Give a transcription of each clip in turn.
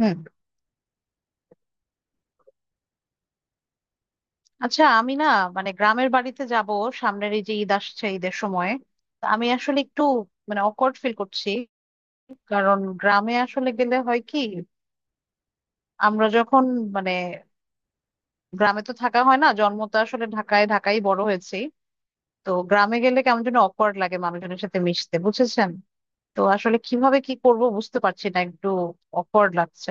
হুম। আচ্ছা, আমি না মানে গ্রামের বাড়িতে যাব সামনের এই যে ঈদ আসছে ঈদের সময়। তা আমি আসলে একটু মানে অকওয়ার্ড ফিল করছি। কারণ গ্রামে আসলে গেলে হয় কি, আমরা যখন মানে গ্রামে তো থাকা হয় না, জন্ম তো আসলে ঢাকায়, ঢাকায় বড় হয়েছি। তো গ্রামে গেলে কেমন যেন অকওয়ার্ড লাগে মানুষজনের সাথে মিশতে, বুঝেছেন? তো আসলে কিভাবে কি করব বুঝতে পারছি না, একটু অকওয়ার্ড লাগছে।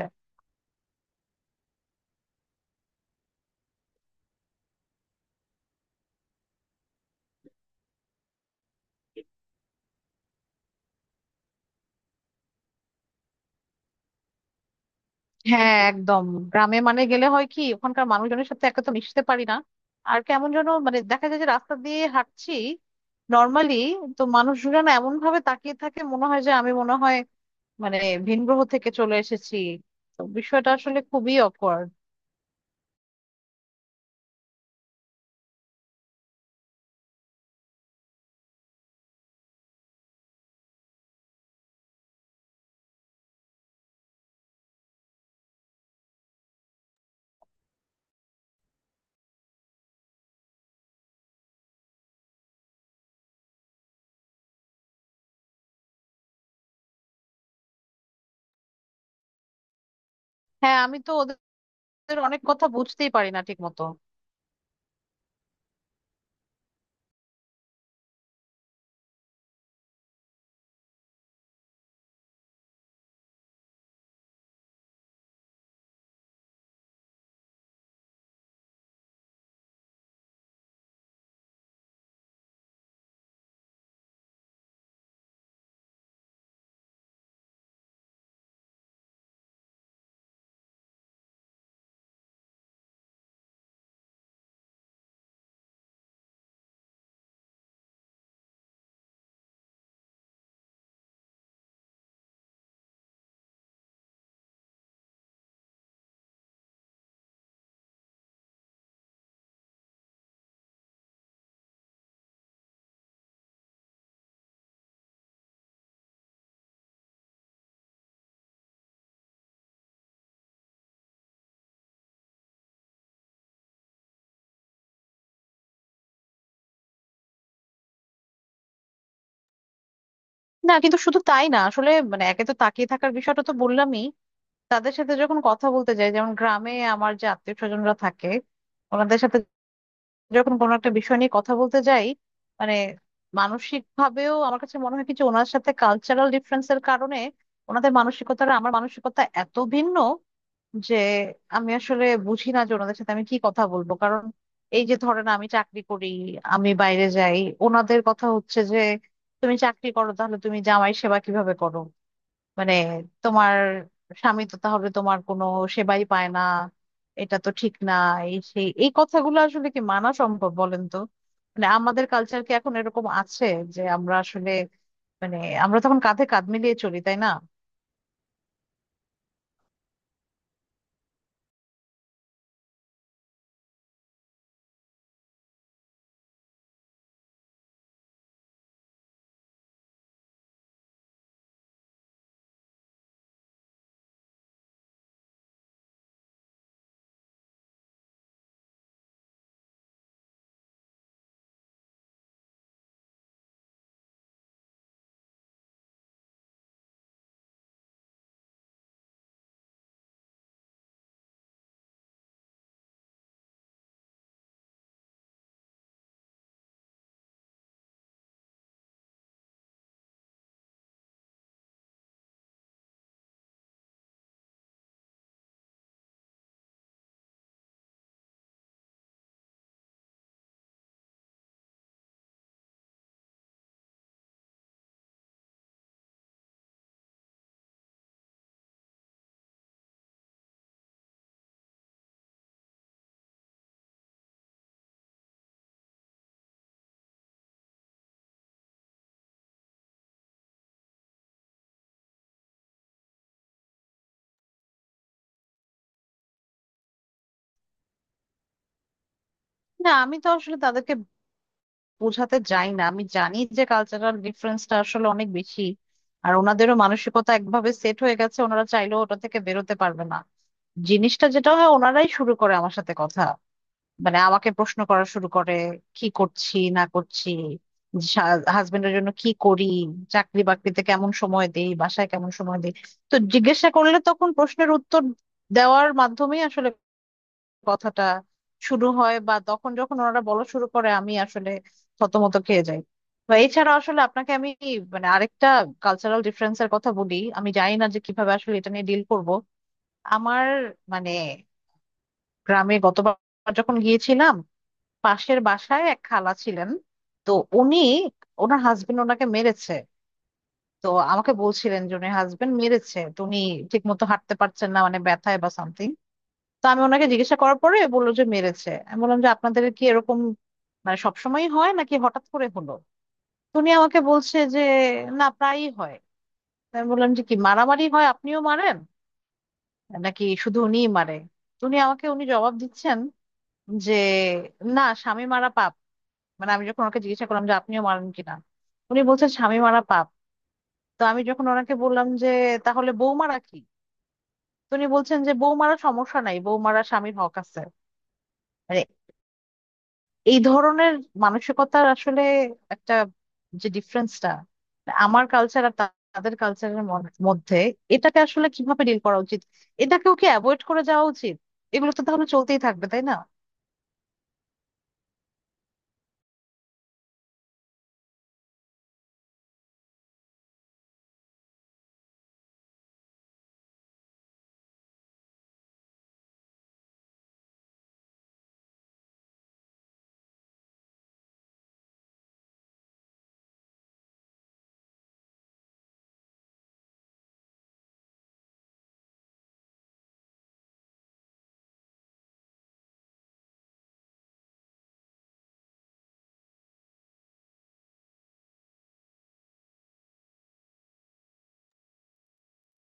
হ্যাঁ, একদম। গ্রামে মানে গেলে হয় কি, ওখানকার মানুষজনের সাথে একে তো মিশতে পারি না, আর কেমন যেন মানে দেখা যায় যে রাস্তা দিয়ে হাঁটছি নর্মালি, তো মানুষজন এমন ভাবে তাকিয়ে থাকে মনে হয় যে আমি মনে হয় মানে ভিন গ্রহ থেকে চলে এসেছি। তো বিষয়টা আসলে খুবই অকওয়ার্ড। হ্যাঁ, আমি তো ওদের অনেক কথা বুঝতেই পারি না ঠিক মতো। না কিন্তু শুধু তাই না, আসলে মানে একে তো তাকিয়ে থাকার বিষয়টা তো বললামই। তাদের সাথে যখন কথা বলতে যাই, যেমন গ্রামে আমার যে আত্মীয় স্বজনরা থাকে ওনাদের সাথে যখন কোনো একটা বিষয় নিয়ে কথা বলতে যাই মানে, মানসিক ভাবেও আমার কাছে মনে হয় কিছু ওনার সাথে কালচারাল ডিফারেন্সের কারণে ওনাদের মানসিকতাটা আমার মানসিকতা এত ভিন্ন যে আমি আসলে বুঝি না যে ওনাদের সাথে আমি কি কথা বলবো। কারণ এই যে ধরেন আমি চাকরি করি, আমি বাইরে যাই, ওনাদের কথা হচ্ছে যে তুমি চাকরি করো তাহলে তুমি জামাই সেবা কিভাবে করো। মানে তোমার স্বামী তো তাহলে তোমার কোনো সেবাই পায় না, এটা তো ঠিক না। এই সেই, এই কথাগুলো আসলে কি মানা সম্ভব বলেন তো? মানে আমাদের কালচার কি এখন এরকম আছে, যে আমরা আসলে মানে আমরা তখন কাঁধে কাঁধ মিলিয়ে চলি, তাই না? না আমি তো আসলে তাদেরকে বোঝাতে যাই না, আমি জানি যে কালচারাল ডিফারেন্সটা আসলে অনেক বেশি। আর ওনাদেরও মানসিকতা একভাবে সেট হয়ে গেছে, ওনারা চাইলেও ওটা থেকে বেরোতে পারবে না। জিনিসটা যেটা হয়, ওনারাই শুরু করে আমার সাথে কথা, মানে আমাকে প্রশ্ন করা শুরু করে কি করছি না করছি, হাজবেন্ডের জন্য কি করি, চাকরি বাকরিতে কেমন সময় দেই, বাসায় কেমন সময় দেই। তো জিজ্ঞাসা করলে তখন প্রশ্নের উত্তর দেওয়ার মাধ্যমেই আসলে কথাটা শুরু হয়, বা তখন যখন ওনারা বলা শুরু করে আমি আসলে থতমত খেয়ে যাই। তো এছাড়া আসলে আপনাকে আমি মানে আরেকটা কালচারাল ডিফারেন্সের কথা বলি, আমি জানি না যে কিভাবে আসলে এটা নিয়ে ডিল করব। আমার মানে, গ্রামে গতবার যখন গিয়েছিলাম পাশের বাসায় এক খালা ছিলেন। তো উনি, ওনার হাজবেন্ড ওনাকে মেরেছে। তো আমাকে বলছিলেন যে উনি হাজবেন্ড মেরেছে, তো উনি ঠিক মতো হাঁটতে পারছেন না মানে ব্যথায় বা সামথিং। তো আমি ওনাকে জিজ্ঞাসা করার পরে বললো যে মেরেছে। আমি বললাম যে আপনাদের কি এরকম মানে সবসময় হয় নাকি হঠাৎ করে হলো? তো উনি আমাকে বলছে যে না, প্রায়ই হয়। তো আমি বললাম যে কি মারামারি হয়, আপনিও মারেন নাকি শুধু উনিই মারে? তো উনি আমাকে উনি জবাব দিচ্ছেন যে না স্বামী মারা পাপ। মানে আমি যখন ওনাকে জিজ্ঞাসা করলাম যে আপনিও মারেন কিনা, উনি বলছেন স্বামী মারা পাপ। তো আমি যখন ওনাকে বললাম যে তাহলে বউ মারা কি, তো উনি বলছেন যে বউ মারা সমস্যা নাই, বউ মারা স্বামীর হক আছে। মানে এই ধরনের মানসিকতার আসলে একটা যে ডিফারেন্সটা আমার কালচার আর তাদের কালচারের মধ্যে, এটাকে আসলে কিভাবে ডিল করা উচিত? এটাকেও কি অ্যাভয়েড করে যাওয়া উচিত? এগুলো তো তাহলে চলতেই থাকবে, তাই না?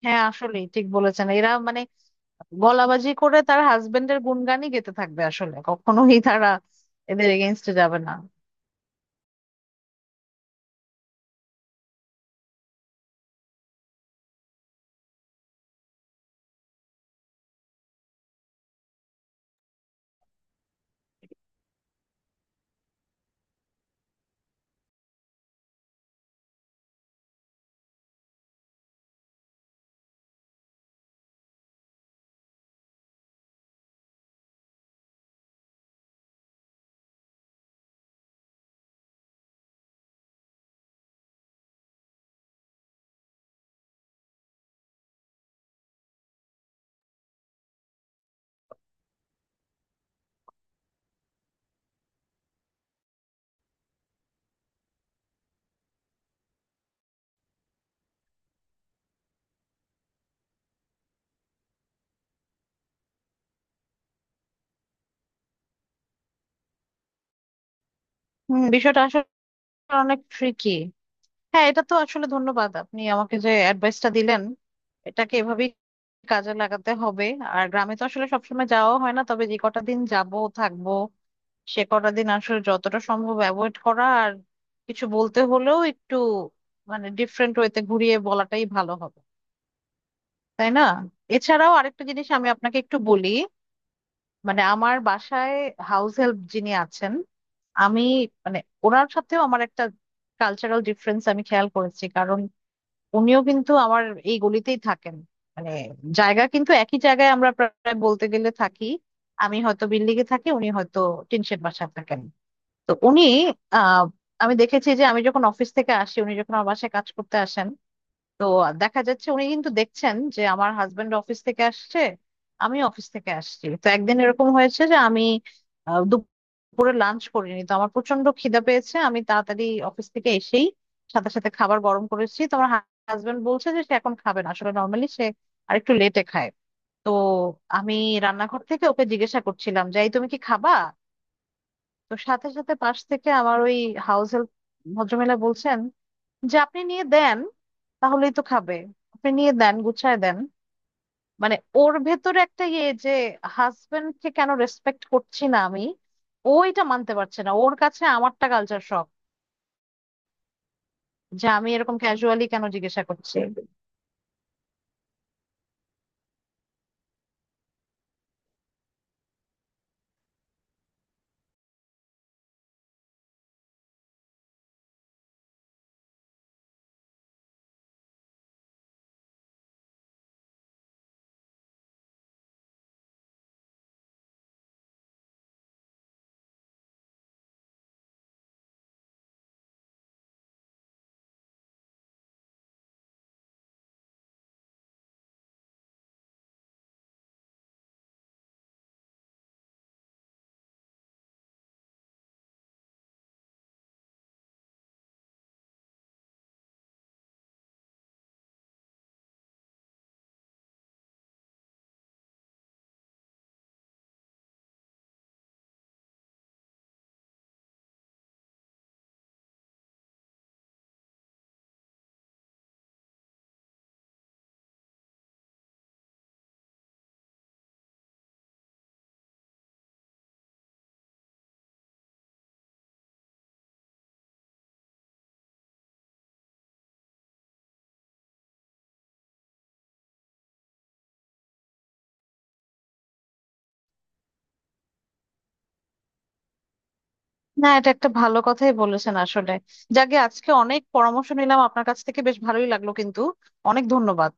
হ্যাঁ আসলে ঠিক বলেছেন, এরা মানে গলাবাজি করে তার হাজবেন্ডের গুণগানই গেতে থাকবে, আসলে কখনোই তারা এদের এগেনস্টে যাবে না। হম, বিষয়টা আসলে অনেক ট্রিকি। হ্যাঁ এটা তো আসলে ধন্যবাদ, আপনি আমাকে যে অ্যাডভাইসটা দিলেন এটাকে এভাবেই কাজে লাগাতে হবে। আর গ্রামে তো আসলে সবসময় যাওয়া হয় না, তবে যে কটা দিন যাব থাকবো সে কটা দিন আসলে যতটা সম্ভব অ্যাভয়েড করা আর কিছু বলতে হলেও একটু মানে ডিফারেন্ট ওয়েতে ঘুরিয়ে বলাটাই ভালো হবে, তাই না? এছাড়াও আরেকটা জিনিস আমি আপনাকে একটু বলি। মানে আমার বাসায় হাউস হেল্প যিনি আছেন, আমি মানে ওনার সাথেও আমার একটা কালচারাল ডিফারেন্স আমি খেয়াল করেছি, কারণ উনিও কিন্তু আমার এই গলিতেই থাকেন। মানে জায়গা কিন্তু একই জায়গায় আমরা প্রায় বলতে গেলে থাকি, আমি হয়তো বিল্ডিং এ থাকি, উনি হয়তো টিনশেড বাসায় থাকেন। তো উনি আহ আমি দেখেছি যে আমি যখন অফিস থেকে আসি উনি যখন আমার বাসায় কাজ করতে আসেন, তো দেখা যাচ্ছে উনি কিন্তু দেখছেন যে আমার হাজবেন্ড অফিস থেকে আসছে, আমি অফিস থেকে আসছি। তো একদিন এরকম হয়েছে যে আমি দুপুরে লাঞ্চ করিনি, তো আমার প্রচন্ড খিদা পেয়েছে, আমি তাড়াতাড়ি অফিস থেকে এসেই সাথে সাথে খাবার গরম করেছি। তো আমার হাজবেন্ড বলছে যে সে এখন খাবে না, আসলে নর্মালি সে আরেকটু লেটে খায়। তো আমি রান্নাঘর থেকে ওকে জিজ্ঞাসা করছিলাম যে এই তুমি কি খাবা? তো সাথে সাথে পাশ থেকে আমার ওই হাউস হেল্প ভদ্রমহিলা বলছেন যে আপনি নিয়ে দেন তাহলেই তো খাবে, আপনি নিয়ে দেন গুছায় দেন। মানে ওর ভেতরে একটা ইয়ে যে হাজবেন্ডকে কেন রেসপেক্ট করছি না আমি, ও এটা মানতে পারছে না, ওর কাছে আমারটা কালচার শক, যে আমি এরকম ক্যাজুয়ালি কেন জিজ্ঞাসা করছি। না এটা একটা ভালো কথাই বলেছেন আসলে, যাকে আজকে অনেক পরামর্শ নিলাম আপনার কাছ থেকে, বেশ ভালোই লাগলো কিন্তু। অনেক ধন্যবাদ।